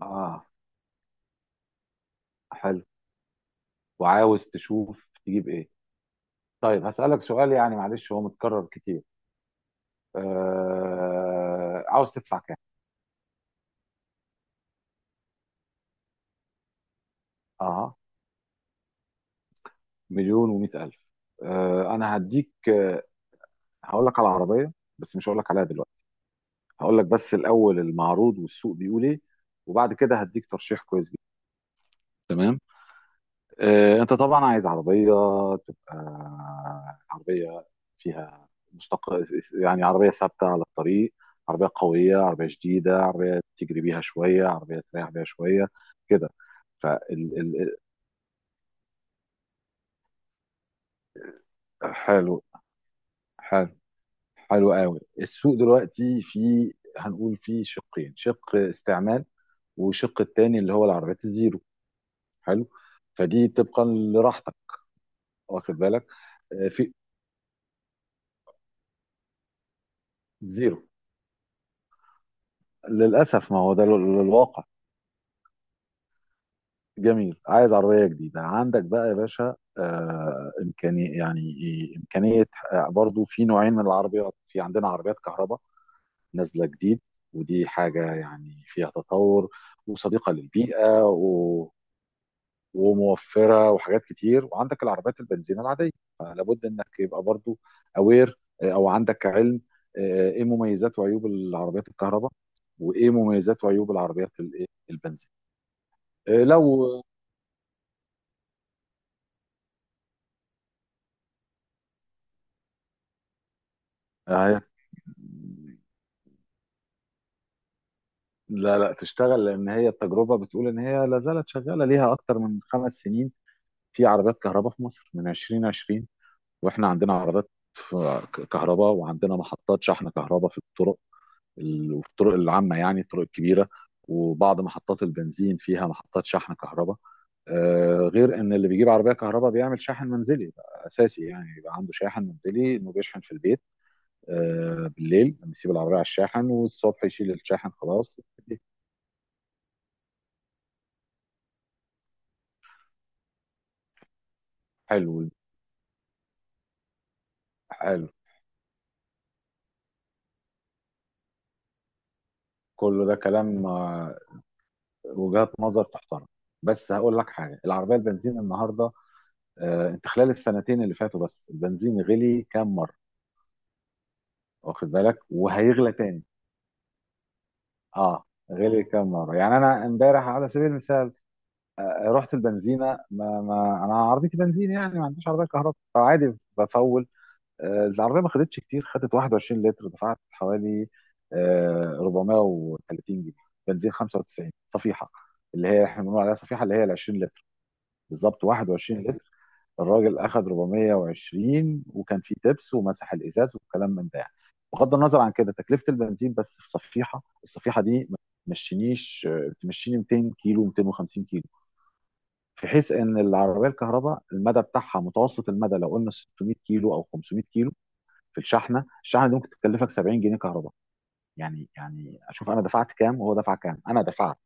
اه. حلو. وعاوز تشوف تجيب ايه؟ طيب، هسألك سؤال، يعني معلش هو متكرر كتير. عاوز تدفع كام؟ اه، مليون ومئة ألف. انا هديك هقول لك على عربية، بس مش هقول لك عليها دلوقتي. هقول لك بس الأول المعروض والسوق بيقول ايه، وبعد كده هديك ترشيح كويس جدا. تمام. انت طبعا عايز عربيه تبقى عربيه فيها يعني عربيه ثابته على الطريق، عربيه قويه، عربيه شديده، عربيه تجري بيها شويه، عربيه تريح بيها شويه. كده فال ال... ال- حلو. حلو. حلو قوي. السوق دلوقتي في، هنقول في شقين: شق استعمال، وشق التاني اللي هو العربيات الزيرو. حلو، فدي طبقا لراحتك. واخد بالك؟ في زيرو. للاسف ما هو ده الواقع. جميل، عايز عربية جديدة. عندك بقى يا باشا إمكانية، يعني إيه، إمكانية؟ برضو في نوعين من العربيات: في عندنا عربيات كهرباء نازلة جديد، ودي حاجة يعني فيها تطور، وصديقة للبيئة وموفرة وحاجات كتير. وعندك العربيات البنزين العادية. لابد إنك يبقى برضو أو عندك علم. إيه مميزات وعيوب العربيات الكهرباء؟ وإيه مميزات وعيوب العربيات الإيه؟ البنزين؟ آه، لو آه، لا لا، تشتغل، لان هي التجربه بتقول ان هي لا زالت شغاله ليها اكتر من خمس سنين. في عربيات كهرباء في مصر من 2020. واحنا عندنا عربيات كهرباء، وعندنا محطات شحن كهرباء في الطرق، وفي الطرق العامه، يعني الطرق الكبيره، وبعض محطات البنزين فيها محطات شحن كهرباء. غير ان اللي بيجيب عربيه كهرباء بيعمل شاحن منزلي، بقى اساسي يعني يبقى عنده شاحن منزلي، انه بيشحن في البيت. بالليل بيسيب العربيه على الشاحن، والصبح يشيل الشاحن خلاص. حلو. حلو. كله ده كلام، وجهات نظر تحترم. بس هقول لك حاجه، العربيه البنزين النهارده انت خلال السنتين اللي فاتوا بس البنزين غلي كام مره؟ واخد بالك؟ وهيغلى تاني. اه، غلي كام مره؟ يعني انا امبارح على سبيل المثال رحت البنزينه، ما, ما انا عربيتي بنزين يعني، ما عنديش عربيه كهرباء، فعادي بفول. العربيه ما خدتش كتير، خدت 21 لتر، دفعت حوالي 430 جنيه. بنزين 95 صفيحه، اللي هي احنا بنقول عليها صفيحه، اللي هي ال 20 لتر، بالظبط 21 لتر. الراجل اخد 420، وكان فيه تبس ومسح الازاز والكلام من ده يعني. بغض النظر عن كده تكلفه البنزين، بس في صفيحه، الصفيحه دي ما تمشينيش، تمشيني 200 كيلو، 250 كيلو. في حيث ان العربيه الكهرباء المدى بتاعها متوسط، المدى لو قلنا 600 كيلو او 500 كيلو، في الشحنه، الشحنه دي ممكن تكلفك 70 جنيه كهرباء. يعني يعني اشوف انا دفعت كام وهو دفع كام. انا دفعت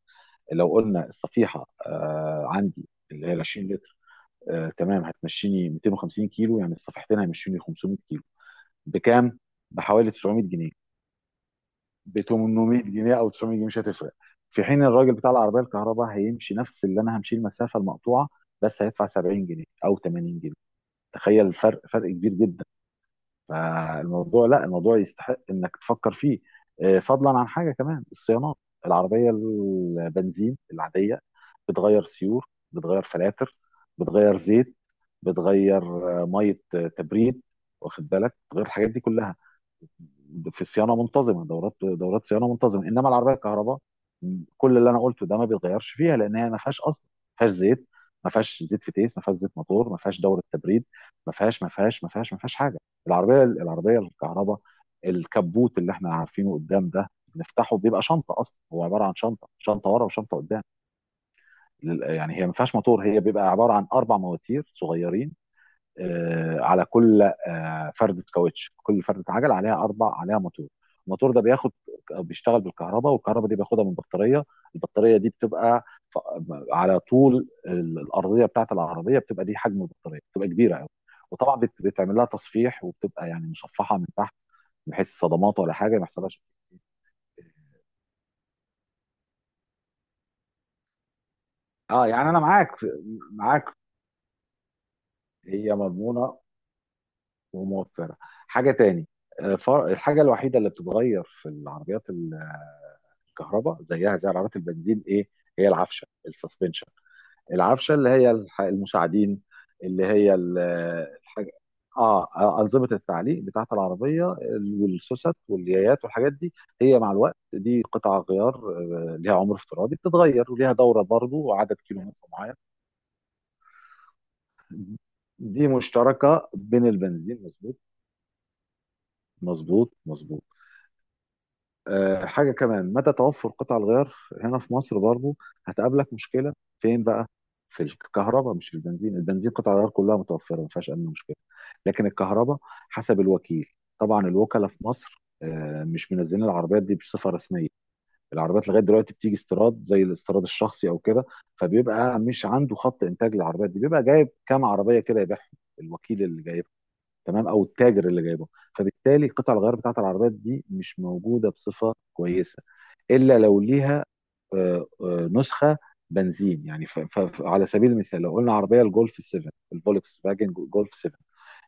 لو قلنا الصفيحه آه عندي اللي هي ال 20 لتر، تمام، هتمشيني 250 كيلو، يعني الصفيحتين هيمشوني 500 كيلو. بكام؟ بحوالي 900 جنيه. ب 800 جنيه او 900 جنيه مش هتفرق. في حين الراجل بتاع العربيه الكهرباء هيمشي نفس اللي انا همشي المسافه المقطوعه، بس هيدفع 70 جنيه او 80 جنيه. تخيل الفرق، فرق كبير جدا. فالموضوع، لا الموضوع يستحق انك تفكر فيه. فضلا عن حاجه كمان، الصيانات. العربيه البنزين العاديه بتغير سيور، بتغير فلاتر، بتغير زيت، بتغير آه، ميه تبريد. واخد بالك؟ بتغير الحاجات دي كلها، في صيانه منتظمه، دورات، دورات صيانه منتظمه. انما العربيه الكهرباء كل اللي انا قلته ده ما بيتغيرش فيها، لان هي ما فيهاش اصلا، ما فيهاش زيت، ما فيهاش زيت فتيس، ما فيهاش زيت موتور، ما فيهاش دوره تبريد. ما فيهاش حاجه. العربيه الكهرباء، الكبوت اللي احنا عارفينه قدام ده نفتحه بيبقى شنطه، اصلا هو عباره عن شنطه، شنطه ورا وشنطه قدام. يعني هي ما فيهاش موتور، هي بيبقى عباره عن اربع مواتير صغيرين، على كل فردة كاوتش، كل فردة عجل عليها، اربع عليها موتور. الموتور ده بياخد، بيشتغل بالكهرباء، والكهرباء دي بياخدها من بطارية. البطارية دي بتبقى ف- على طول الأرضية بتاعت العربية، بتبقى دي، حجم البطارية بتبقى كبيرة قوي. وطبعا بتعمل لها تصفيح، وبتبقى يعني مصفحة من تحت، بحيث صدمات ولا حاجة ما يحصلهاش. اه يعني انا معاك. معاك، هي مضمونه وموفره. حاجه تاني، الحاجه الوحيده اللي بتتغير في العربيات الكهرباء زيها زي عربيات البنزين ايه؟ هي العفشه، السسبنشن، العفشه اللي هي المساعدين، اللي هي الحاجه، اه انظمه التعليق بتاعت العربيه، والسوست واليايات والحاجات دي. هي مع الوقت دي قطع غيار، ليها عمر افتراضي، بتتغير وليها دوره برضه وعدد كيلومتر معين. دي مشتركه بين البنزين، مظبوط، مظبوط، مظبوط. حاجة كمان، مدى توفر قطع الغيار هنا في مصر برضو هتقابلك مشكلة. فين بقى؟ في الكهرباء، مش في البنزين. البنزين قطع الغيار كلها متوفرة، ما فيهاش أي مشكلة. لكن الكهرباء، حسب الوكيل، طبعا الوكلاء في مصر مش منزلين العربيات دي بصفة رسمية. العربيات لغاية دلوقتي بتيجي استيراد، زي الاستيراد الشخصي أو كده، فبيبقى مش عنده خط إنتاج للعربيات دي، بيبقى جايب كام عربية كده يبيعهم، الوكيل اللي جايبها. تمام، او التاجر اللي جايبه. فبالتالي قطع الغيار بتاعت العربيات دي مش موجوده بصفه كويسه، الا لو ليها نسخه بنزين يعني. على سبيل المثال، لو قلنا عربيه الجولف 7، الفولكس فاجن جولف 7،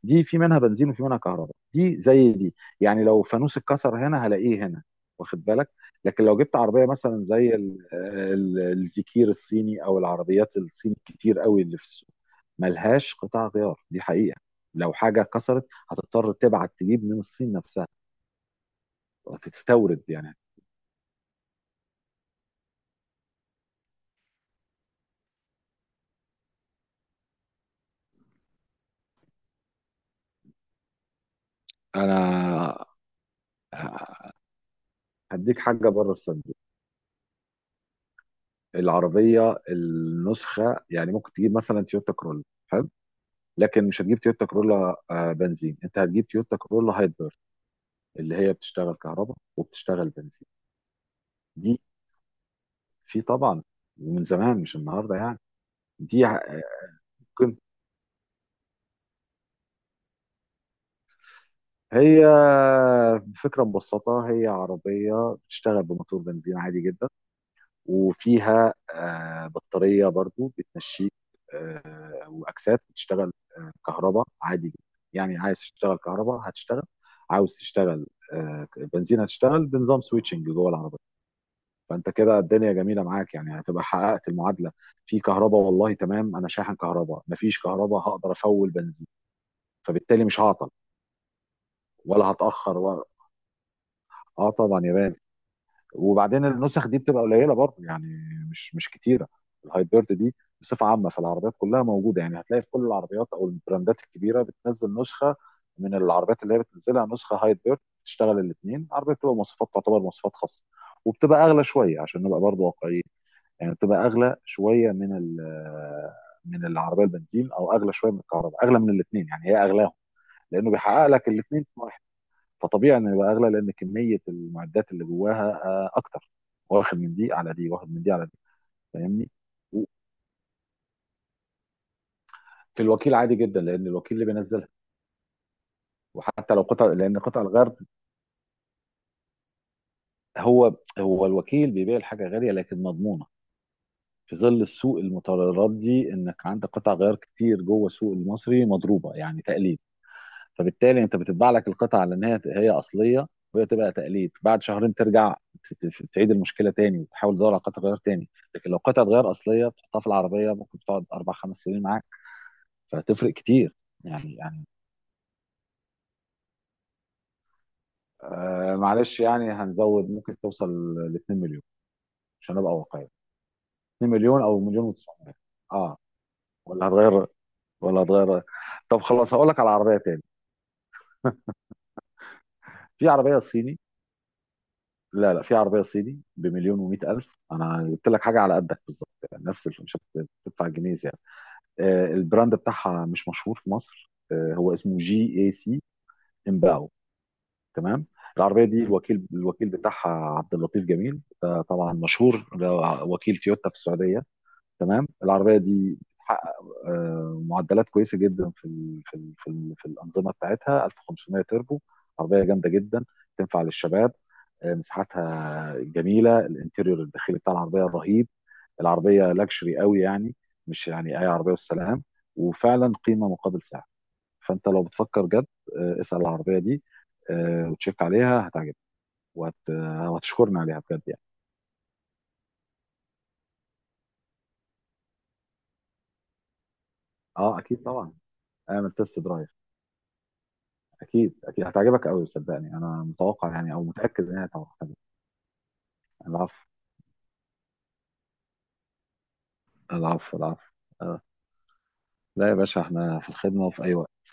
دي في منها بنزين وفي منها كهرباء. دي زي دي يعني، لو فانوس اتكسر هنا هلاقيه هنا. واخد بالك؟ لكن لو جبت عربيه مثلا زي الزكير الصيني، او العربيات الصيني كتير قوي اللي في السوق، ملهاش قطع غيار، دي حقيقه. لو حاجه اتكسرت هتضطر تبعت تجيب من الصين نفسها وتستورد يعني. انا هديك حاجه بره الصين، العربيه النسخه يعني. ممكن تجيب مثلا تويوتا كرولا، حلو، لكن مش هتجيب تويوتا كرولا بنزين، انت هتجيب تويوتا كرولا هايبر، اللي هي بتشتغل كهرباء وبتشتغل بنزين. دي في طبعا، من زمان مش النهارده يعني. دي ع- كنت هي فكره مبسطه، هي عربيه بتشتغل بموتور بنزين عادي جدا، وفيها بطارية برضو بتمشيك، وأكسات بتشتغل كهرباء عادي جدا. يعني عايز تشتغل كهرباء هتشتغل، عاوز تشتغل آه، بنزين هتشتغل، بنظام سويتشنج جوه العربية. فأنت كده الدنيا جميلة معاك، يعني هتبقى حققت المعادلة. في كهرباء، والله تمام، أنا شاحن كهرباء، مفيش كهرباء هقدر أفول بنزين، فبالتالي مش هعطل ولا هتأخر ولا. اه طبعا يا باشا. وبعدين النسخ دي بتبقى قليله برضه يعني، مش كتيره. الهايبرد دي بصفه عامه في العربيات كلها موجوده، يعني هتلاقي في كل العربيات او البراندات الكبيره بتنزل نسخه من العربيات، اللي هي بتنزلها نسخه هايبرد بتشتغل الاثنين. العربيه بتبقى مواصفات، تعتبر مواصفات خاصه، وبتبقى اغلى شويه عشان نبقى برضه واقعيين. يعني بتبقى اغلى شويه من من العربيه البنزين، او اغلى شويه من الكهرباء، اغلى من الاثنين يعني، هي اغلاهم لانه بيحقق لك الاثنين. فطبيعي انه يبقى اغلى، لان كميه المعدات اللي جواها اكتر. واخد من دي على دي، واخد من دي على دي. فاهمني؟ في الوكيل عادي جدا، لان الوكيل اللي بينزلها، وحتى لو قطع، لان قطع الغرب، هو هو الوكيل بيبيع الحاجه غاليه لكن مضمونه. في ظل السوق المتردي انك عندك قطع غيار كتير جوه السوق المصري مضروبه يعني تقليد، فبالتالي انت بتطبع لك القطعه على ان هي هي اصليه، وهي تبقى تقليد. بعد شهرين ترجع، تعيد المشكله تاني، وتحاول تدور على قطعه غيار تاني. لكن لو قطعه غيار اصليه بتحطها في العربيه، ممكن تقعد اربع خمس سنين معاك. فهتفرق كتير. يعني يعني معلش يعني، هنزود، ممكن توصل ل 2 مليون عشان ابقى واقعي. 2 مليون او مليون و900. اه، ولا هتغير، ولا هتغير. طب خلاص هقول لك على عربيه تاني. في عربيه صيني، لا لا، في عربيه صيني بمليون ومئة الف، انا قلت لك حاجه على قدك بالظبط، يعني نفس مش هتدفع جنيه يعني. البراند بتاعها مش مشهور في مصر، هو اسمه جي اي سي امباو. تمام، العربيه دي الوكيل، الوكيل بتاعها عبد اللطيف جميل، ده طبعا مشهور، ده وكيل تويوتا في السعوديه. تمام، العربيه دي بتحقق معدلات كويسه جدا في ال في ال في, ال في الانظمه بتاعتها 1500 تربو. عربيه جامده جدا، تنفع للشباب. مساحتها جميله، الانتيريور الداخلي بتاع العربيه رهيب، العربيه لاكشري قوي يعني، مش يعني اي عربيه والسلام، وفعلا قيمه مقابل سعر. فانت لو بتفكر جد اسال العربيه دي وتشيك عليها هتعجبك. وهتشكرني عليها بجد يعني. اه اكيد طبعا، اعمل تيست درايف. اكيد اكيد هتعجبك قوي، صدقني، انا متوقع يعني، او متاكد ان هي هتعجبك. العفو، العفو، العفو. آه. لا يا باشا، احنا في الخدمه وفي اي وقت.